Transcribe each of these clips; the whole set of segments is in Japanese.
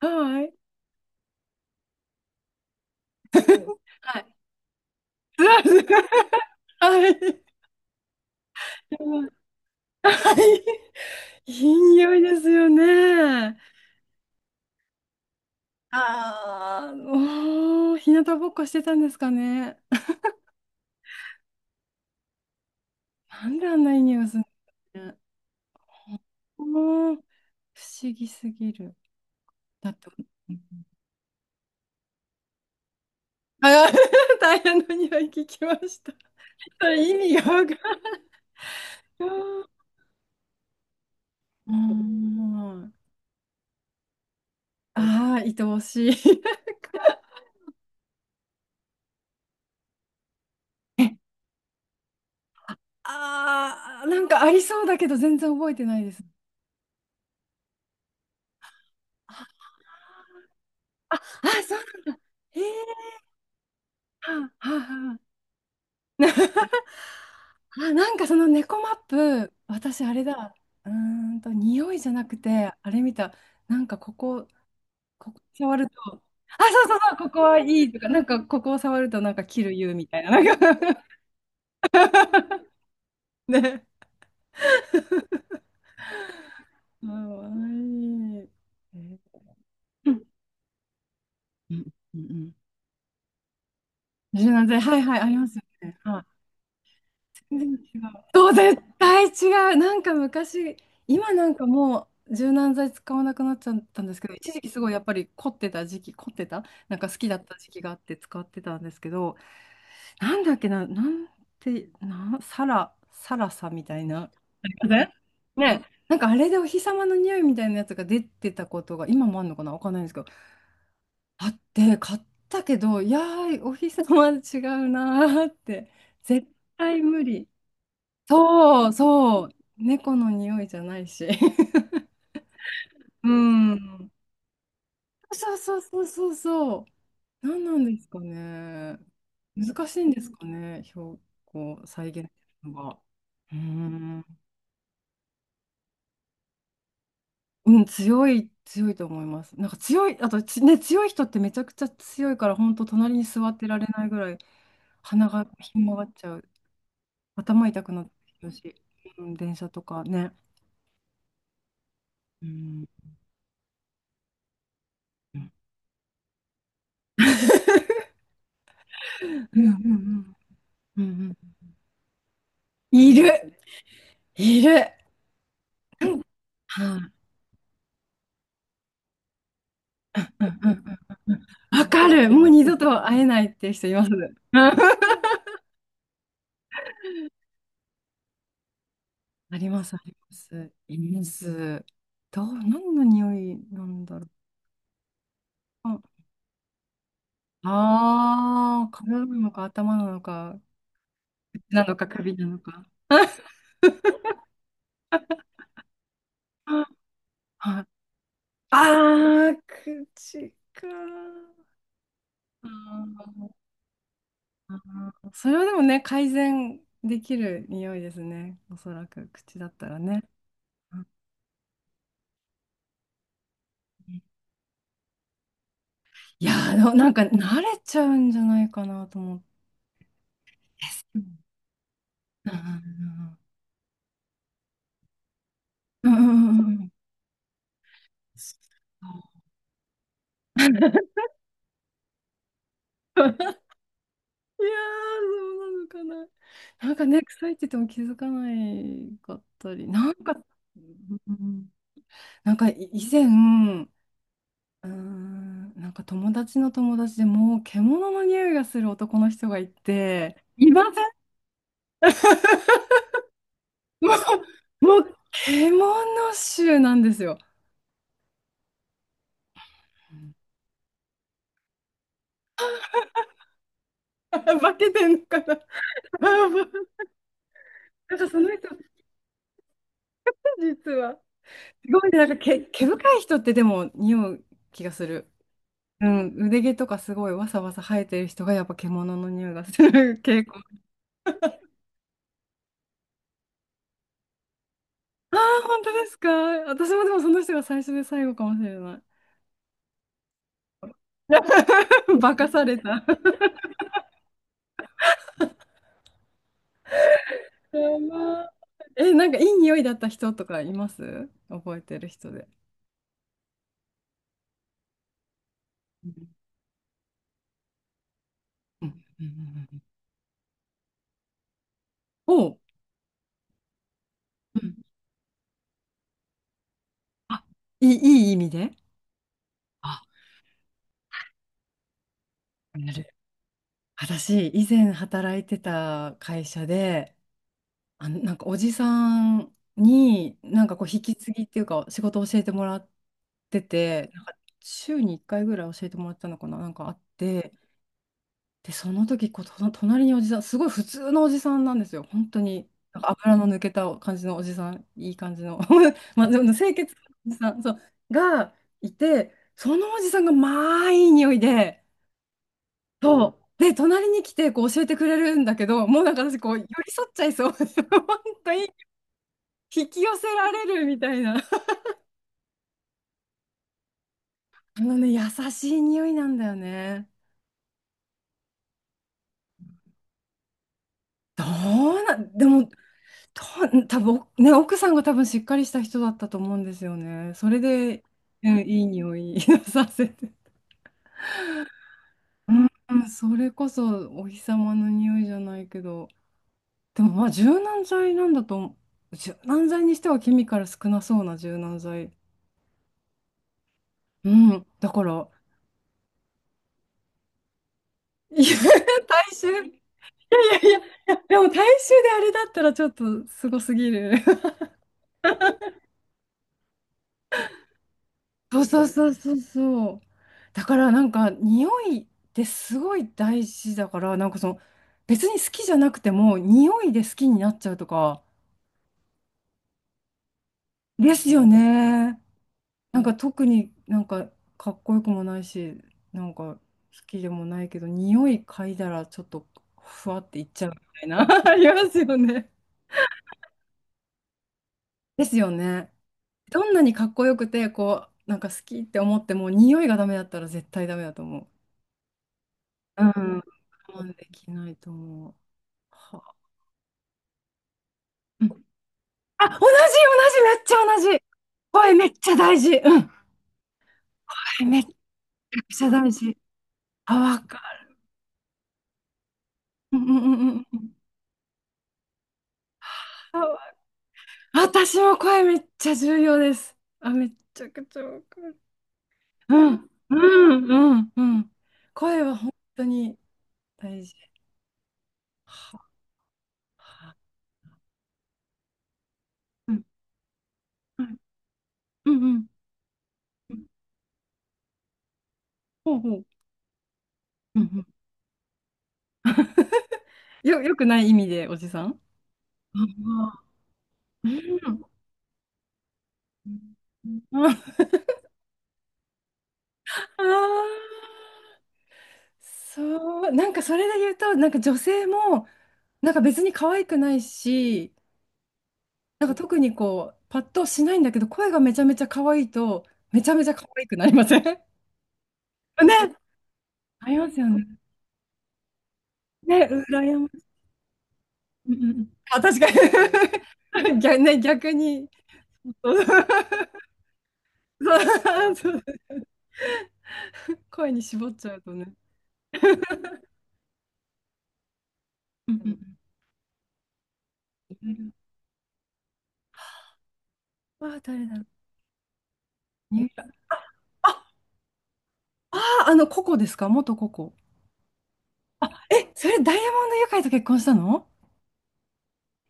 はい。はい。すごいはい。はい。いい匂いですよね。ああ、おー、日向ぼっこしてたんですかね。なんであんないい匂いがするんうね。もう不思議すぎる。だって、あー、大変な匂い聞きました。それ意味がわかんない。うん。ああ、愛おしい。あー、なんかありそうだけど全然覚えてないです。あ、あ、あそうなんだ。えー、はあ、はあ、はあ。あ、なんかその猫マップ、私あれだ。匂いじゃなくて、あれ見た。なんかここ、ここ触ると、あ、そう、ここはいいとか、なんかここを触るとなんか切る言うみたいな。なんか ね。かわいい。えー。うんうんうんうん。柔軟剤、はいはい、ありますよね。違う。そう、絶対違う。なんか昔、今なんかもう柔軟剤使わなくなっちゃったんですけど、一時期すごいやっぱり凝ってた時期、凝ってた、なんか好きだった時期があって使ってたんですけど、なんだっけな、なんて、な、サラ、サラサみたいな。ありませんね、なんかあれでお日様の匂いみたいなやつが出てたことが、今もあるのかな、わかんないんですけど、あって、買ったけど、いやー、お日様は違うなーって、絶対無理。そう、そう。猫の匂いじゃないし。うん。そう。何なんですかね。難しいんですかね、標高再現のが。うーん、うん、強いと思います。なんか強い、あとち、ね、強い人ってめちゃくちゃ強いから、本当隣に座ってられないぐらい、鼻がひん曲がっちゃう。頭痛くなってきたし、うん、電車とかね。うん、うんうんうんうん。うんうん。いる、いる。はい。うんうんうんうん。わかる。もう二度と会えないって人います。うん。あります、あります。います。何の匂いなんだろう。ああー、体なのか頭なのか、口なのか首なのか。ああ。あー、口か。あー。あー、それはでもね、改善できる匂いですね。おそらく口だったらね。うん。いやー、でもなんか慣れちゃうんじゃないかなと思って。うんうんうんうんうん。 いやー、そうなのかな。なんかね、臭いって言っても気づかないかったり、なんか、うん。なんか以前、なんか友達の友達でもう獣の匂いがする男の人がいて、いません。ももう獣臭なんですよ。化けてんのかな。 なんかその人、実は。すごいね、毛深い人ってでも匂う気がする。うん、腕毛とかすごいわさわさ生えてる人がやっぱ獣の匂いがする傾向。ああ、本当ですか。私もでもその人が最初で最後かもしれない。化かされた。やばい。え、なんかいい匂いだった人とかいます、覚えてる人で。うんうんうんうんうん。おう、うん。あ、いい、いい意味で。あ、なる。私、以前働いてた会社で、あの、なんかおじさんに、なんかこう、引き継ぎっていうか、仕事を教えてもらってて、なんか週に1回ぐらい教えてもらったのかな、なんかあって、で、その時こう、と隣におじさん、すごい普通のおじさんなんですよ、本当に。なんか油の抜けた感じのおじさん、いい感じの、まあ、でも清潔なおじさん、そう、がいて、そのおじさんが、まあ、いい匂いで、そう。で、隣に来てこう教えてくれるんだけど、もうなんか私こう寄り添っちゃいそう。本当に引き寄せられるみたいな。あのね、優しい匂いなんだよね。どうなでも、と、多分ね、奥さんが多分しっかりした人だったと思うんですよね。それで、うん、いい匂い させて。うん、それこそお日様の匂いじゃないけど、でもまあ柔軟剤なんだと思う、柔軟剤にしてはケミカル少なそうな柔軟剤。うん、だから。いや、大衆。いやでも大衆であれだったらちょっとすごすぎる。そう。だからなんか匂いってすごい大事だから、なんかその別に好きじゃなくても匂いで好きになっちゃうとかですよね。なんか特になんかかっこよくもないし、なんか好きでもないけど、匂い嗅いだらちょっとふわっていっちゃうみたいな、ありますよね。ですよね。どんなにかっこよくて、こう、なんか好きって思っても、匂いがダメだったら絶対ダメだと思う。うん。我慢できないと思う。はあ、うん、あ、同じ、めっちゃ同じ。声めっちゃ大事。うん。声めっちゃ大事。あ、わかる。うんうんうんうん。あわ、私も声めっちゃ重要です。あ、めっちゃくちゃわかる。うん、ううん。声は本当に大事。はは。うん、うん、うん。うん。ほうほう。うんうん。よくない意味で、おじさん。ああー、うん。ああ、そう、なんかそれで言うと、なんか女性も、なんか別に可愛くないし、なんか特にこう、パッとしないんだけど、声がめちゃめちゃ可愛いと、めちゃめちゃ可愛くなりません ね、ありますよね。ね、羨ましい。うんうんうん。あ、確かに。 逆、逆に、そうそうそう。声に絞っちゃうとね。うんうんうん。あ、誰だろう。に。あ、あー、あの、ココですか、元ココ。あ、え、それダイヤモンドユカイと結婚したの。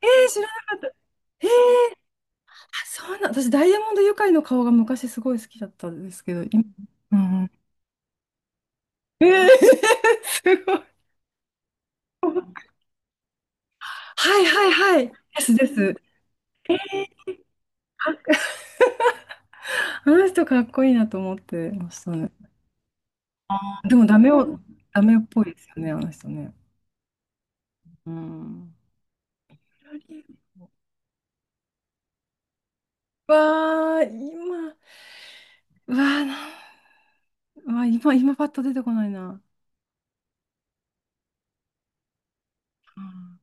えー、知らなかった。えー、あ、そうなん、私ダイヤモンドユカイの顔が昔すごい好きだったんですけど、今、うん。えー、すごい。はいはいはい。ですです。えー、あ、あの人かっこいいなと思ってましたね。でもダメを、ダメっぽいですよね、あの人ね。うん。わあ、今、うわあ、な、うわあ、今パッと出てこないな。うん。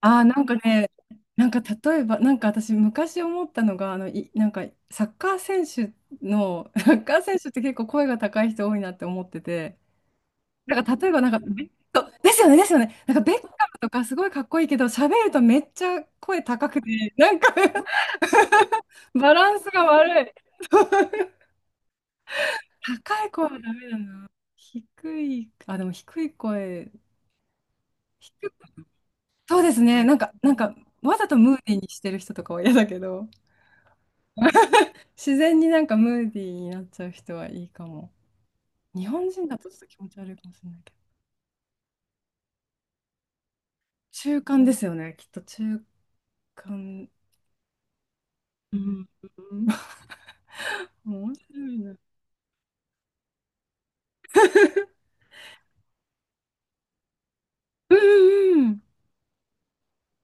ああ、なんかね、なんか例えば、なんか私昔思ったのが、あの、なんかサッカー選手の、サッカー選手って結構声が高い人多いなって思ってて、なんか例えばなんか、ベッカですよね、ですよね。なんかベッカムとかすごいかっこいいけど、喋るとめっちゃ声高くて、なんか バランスが悪い。高い声はダメだな。あ、でも低い声、低い。そうですね、なんかわざとムーディーにしてる人とかは嫌だけど。自然になんかムーディーになっちゃう人はいいかも。日本人だとちょっと気持ち悪いかもしれないけど。中間ですよね、きっと中間。うん。うん。 面白いな。うんうんうん。